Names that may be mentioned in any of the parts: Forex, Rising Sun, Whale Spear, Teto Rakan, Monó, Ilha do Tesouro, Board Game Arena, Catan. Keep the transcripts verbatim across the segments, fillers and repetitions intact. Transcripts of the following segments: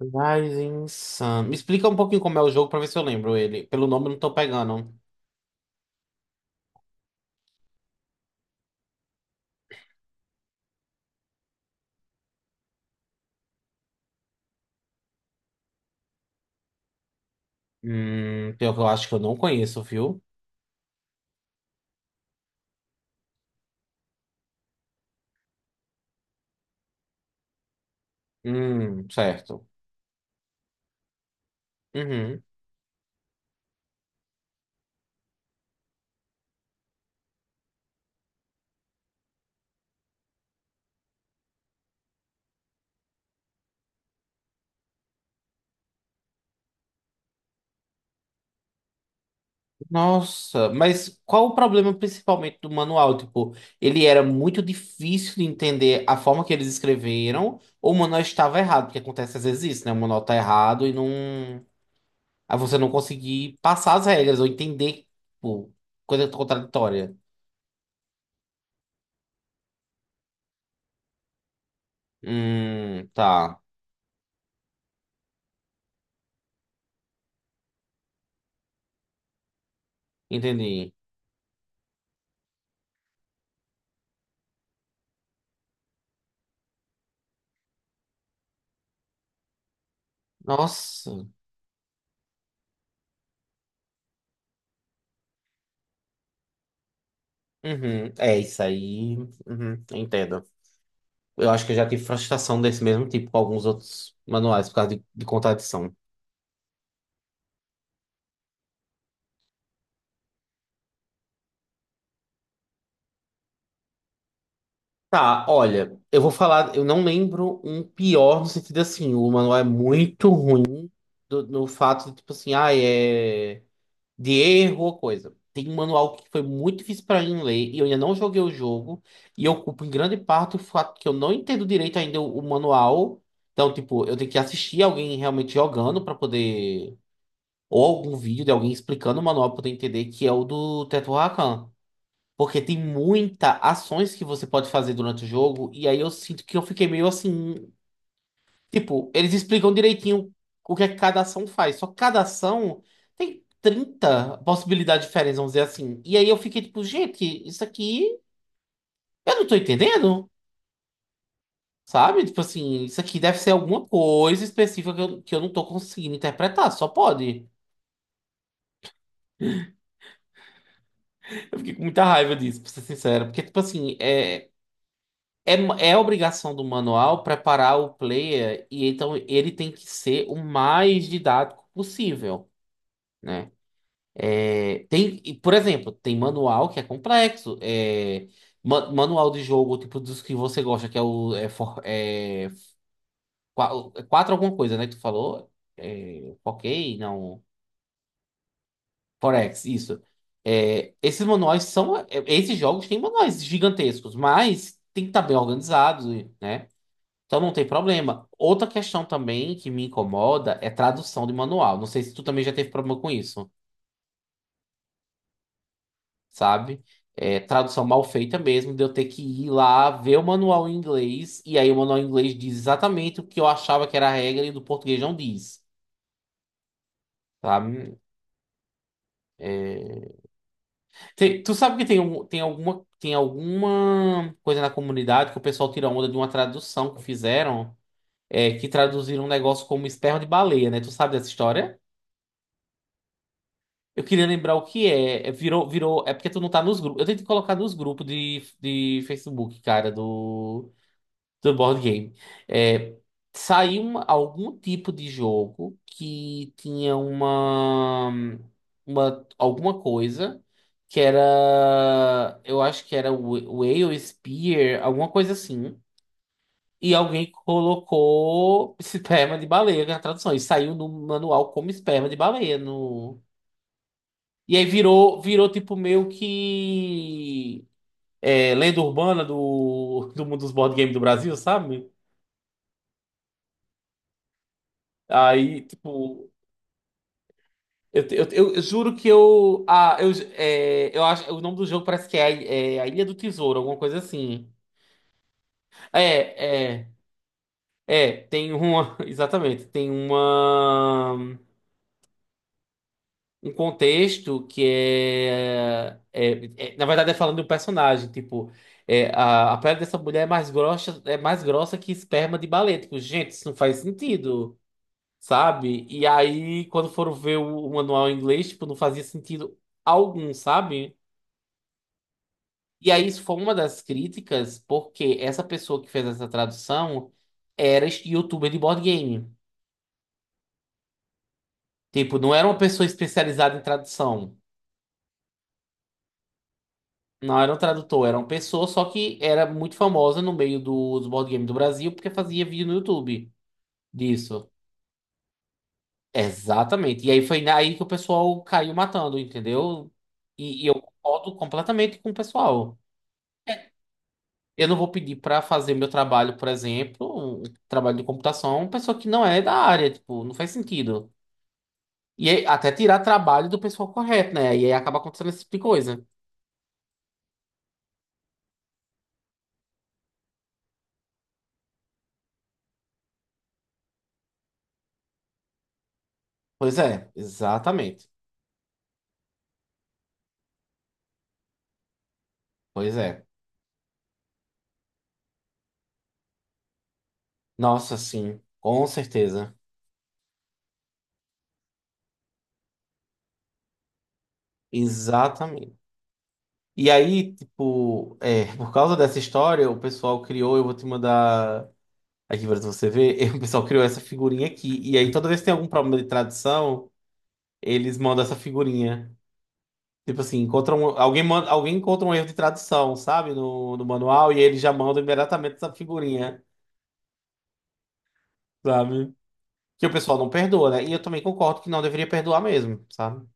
Rising Sun. Me explica um pouquinho como é o jogo pra ver se eu lembro ele. Pelo nome eu não tô pegando. Hum, pior que eu acho que eu não conheço, viu? Hum, certo. Uhum. Nossa, mas qual o problema principalmente do manual? Tipo, ele era muito difícil de entender a forma que eles escreveram, ou o manual estava errado, porque acontece às vezes isso, né? O manual tá errado e não. Aí você não conseguir passar as regras ou entender, tipo, coisa contraditória. Hum, tá. Entendi. Nossa. Uhum. É isso aí. Uhum. Entendo. Eu acho que eu já tive frustração desse mesmo tipo com alguns outros manuais por causa de, de contradição. Tá, olha, eu vou falar, eu não lembro um pior no sentido assim, o manual é muito ruim do- no fato de, tipo assim, ah, é. de erro ou coisa. Tem um manual que foi muito difícil para mim ler e eu ainda não joguei o jogo. E eu culpo em grande parte o fato que eu não entendo direito ainda o, o manual. Então, tipo, eu tenho que assistir alguém realmente jogando para poder. Ou algum vídeo de alguém explicando o manual para poder entender que é o do Teto Rakan. Porque tem muita ações que você pode fazer durante o jogo. E aí eu sinto que eu fiquei meio assim. Tipo, eles explicam direitinho o que é que cada ação faz. Só que cada ação tem trinta possibilidades diferentes, vamos dizer assim. E aí eu fiquei tipo, gente, isso aqui eu não tô entendendo, sabe? Tipo assim, isso aqui deve ser alguma coisa específica que eu, que eu não tô conseguindo interpretar, só pode. Eu fiquei com muita raiva disso, pra ser sincero. Porque, tipo assim, é, é, é obrigação do manual preparar o player e então ele tem que ser o mais didático possível. Né? É, tem, e, por exemplo, tem manual que é complexo. É, ma- manual de jogo, tipo, dos que você gosta, que é o. É, for- é, qua- É quatro alguma coisa, né? Que tu falou. É, ok, não. Forex, isso. É, esses manuais são. é, Esses jogos têm manuais gigantescos, mas tem que estar bem organizados, né? Então não tem problema. Outra questão também que me incomoda é tradução de manual. Não sei se tu também já teve problema com isso. Sabe? É, tradução mal feita mesmo, de eu ter que ir lá ver o manual em inglês, e aí o manual em inglês diz exatamente o que eu achava que era a regra e do português não diz, sabe? É, tem- tu sabe que tem, um- tem alguma, tem alguma coisa na comunidade que o pessoal tira onda de uma tradução que fizeram, é, que traduziram um negócio como esperma de baleia, né? Tu sabe dessa história? Eu queria lembrar o que é. É, Virou, virou. É porque tu não tá nos grupos. Eu tentei colocar nos grupos de, de Facebook, cara, do. Do board game. É, saiu uma- algum tipo de jogo que tinha uma, uma alguma coisa que era, eu acho que era o Whale Spear, alguma coisa assim. E alguém colocou esperma de baleia na tradução. E saiu no manual como esperma de baleia no e aí virou, virou tipo meio que é, lenda urbana do, do mundo dos board games do Brasil, sabe? Aí, tipo, Eu, eu, eu- eu juro que eu. Ah, eu, é, eu acho. O nome do jogo parece que é, a é a Ilha do Tesouro, alguma coisa assim. É, é. É, tem uma. Exatamente. Tem uma. Um contexto que é, é, é- na verdade, é falando de um personagem. Tipo, é, a, a pele dessa mulher é mais grossa, é mais grossa que esperma de baleia. Tipo, gente, isso não faz sentido, sabe? E aí, quando foram ver o, o manual em inglês, tipo, não fazia sentido algum, sabe? E aí, isso foi uma das críticas, porque essa pessoa que fez essa tradução era este youtuber de board game. Tipo, não era uma pessoa especializada em tradução. Não era um tradutor, era uma pessoa só que era muito famosa no meio do- dos board game do Brasil, porque fazia vídeo no YouTube disso. Exatamente. E aí foi aí que o pessoal caiu matando, entendeu? E, e eu concordo completamente com o pessoal. Eu não vou pedir para fazer meu trabalho, por exemplo, um trabalho de computação, uma pessoa que não é da área, tipo, não faz sentido. E aí, até tirar trabalho do pessoal correto, né? E aí acaba acontecendo esse tipo de coisa. Pois é, exatamente. Pois é. Nossa, sim, com certeza. Exatamente. E aí, tipo, é, por causa dessa história, o pessoal criou, eu vou te mandar aqui para você ver, o pessoal criou essa figurinha aqui. E aí, toda vez que tem algum problema de tradução, eles mandam essa figurinha. Tipo assim, encontram, um, alguém, manda, alguém encontra um erro de tradução, sabe? No, no manual, e eles já mandam imediatamente essa figurinha, sabe? Que o pessoal não perdoa, né? E eu também concordo que não deveria perdoar mesmo, sabe?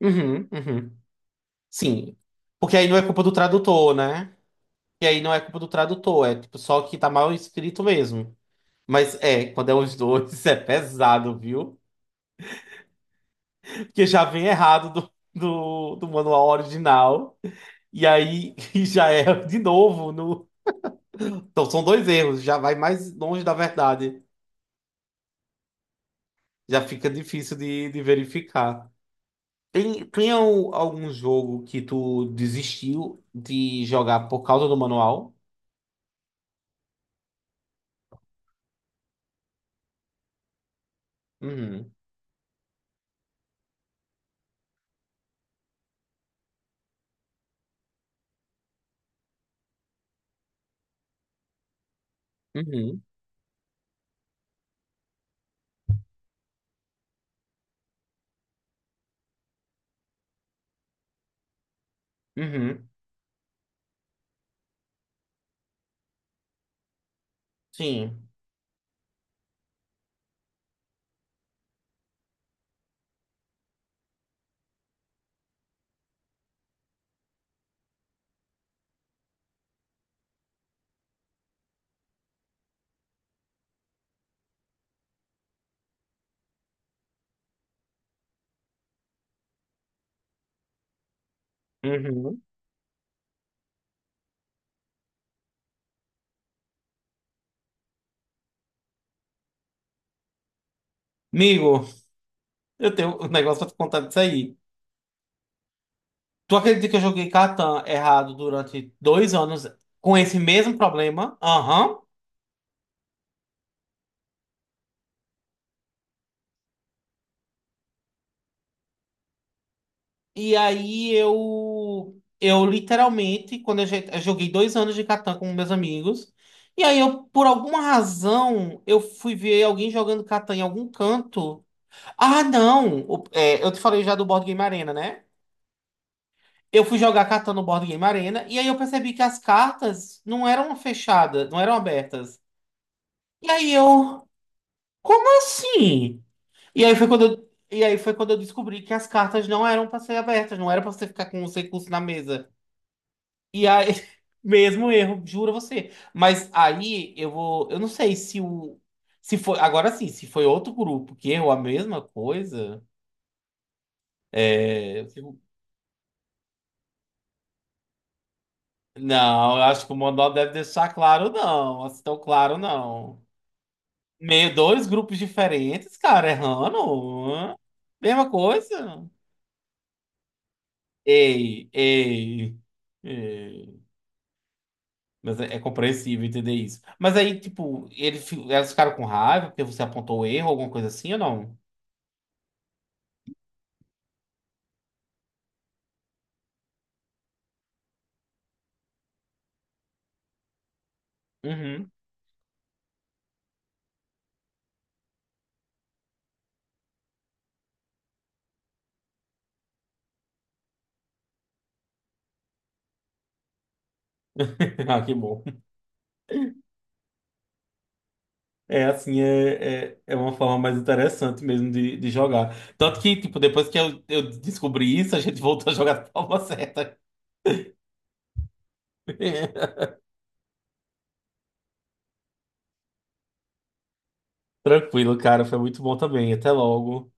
Uhum, uhum. Sim. Porque aí não é culpa do tradutor, né? E aí não é culpa do tradutor, é tipo só que tá mal escrito mesmo. Mas é, quando é os dois, é pesado, viu? Porque já vem errado do, do, do manual original. E aí e já é de novo. No... Então são dois erros, já vai mais longe da verdade. Já fica difícil de, de verificar. Tem, tem al- algum jogo que tu desistiu de jogar por causa do manual? Uhum, uhum, uhum, sim, uhum. Amigo, eu tenho um negócio pra te contar disso aí. Tu acredita que eu joguei Catan errado durante dois anos com esse mesmo problema? Aham. E aí eu, eu literalmente, quando eu, jo- eu joguei dois anos de Catan com meus amigos, e aí eu, por alguma razão, eu fui ver alguém jogando Catan em algum canto. Ah, não! O- é, eu te falei já do Board Game Arena, né? Eu fui jogar cartão no Board Game Arena e aí eu percebi que as cartas não eram fechadas, não eram abertas. E aí eu, como assim? E aí foi quando eu, e aí foi quando eu descobri que as cartas não eram para ser abertas, não era para você ficar com os recursos na mesa. E aí, mesmo erro, juro a você. Mas aí eu vou, eu não sei se o, se foi, agora sim, se foi outro grupo que errou a mesma coisa. É, Não, eu acho que o Monó deve deixar claro, não. Assim, tão claro, não. Meio dois grupos diferentes, cara, errando. Hã? Mesma coisa. Ei, ei, ei. Mas é, é compreensível entender isso. Mas aí, tipo, ele, fi- elas ficaram com raiva porque você apontou o erro, alguma coisa assim ou não? Uhum. Ah, que bom. É assim, é, é, é uma forma mais interessante mesmo de, de jogar. Tanto que, tipo, depois que eu, eu descobri isso, a gente voltou a jogar da forma certa. Tranquilo, cara. Foi muito bom também. Até logo.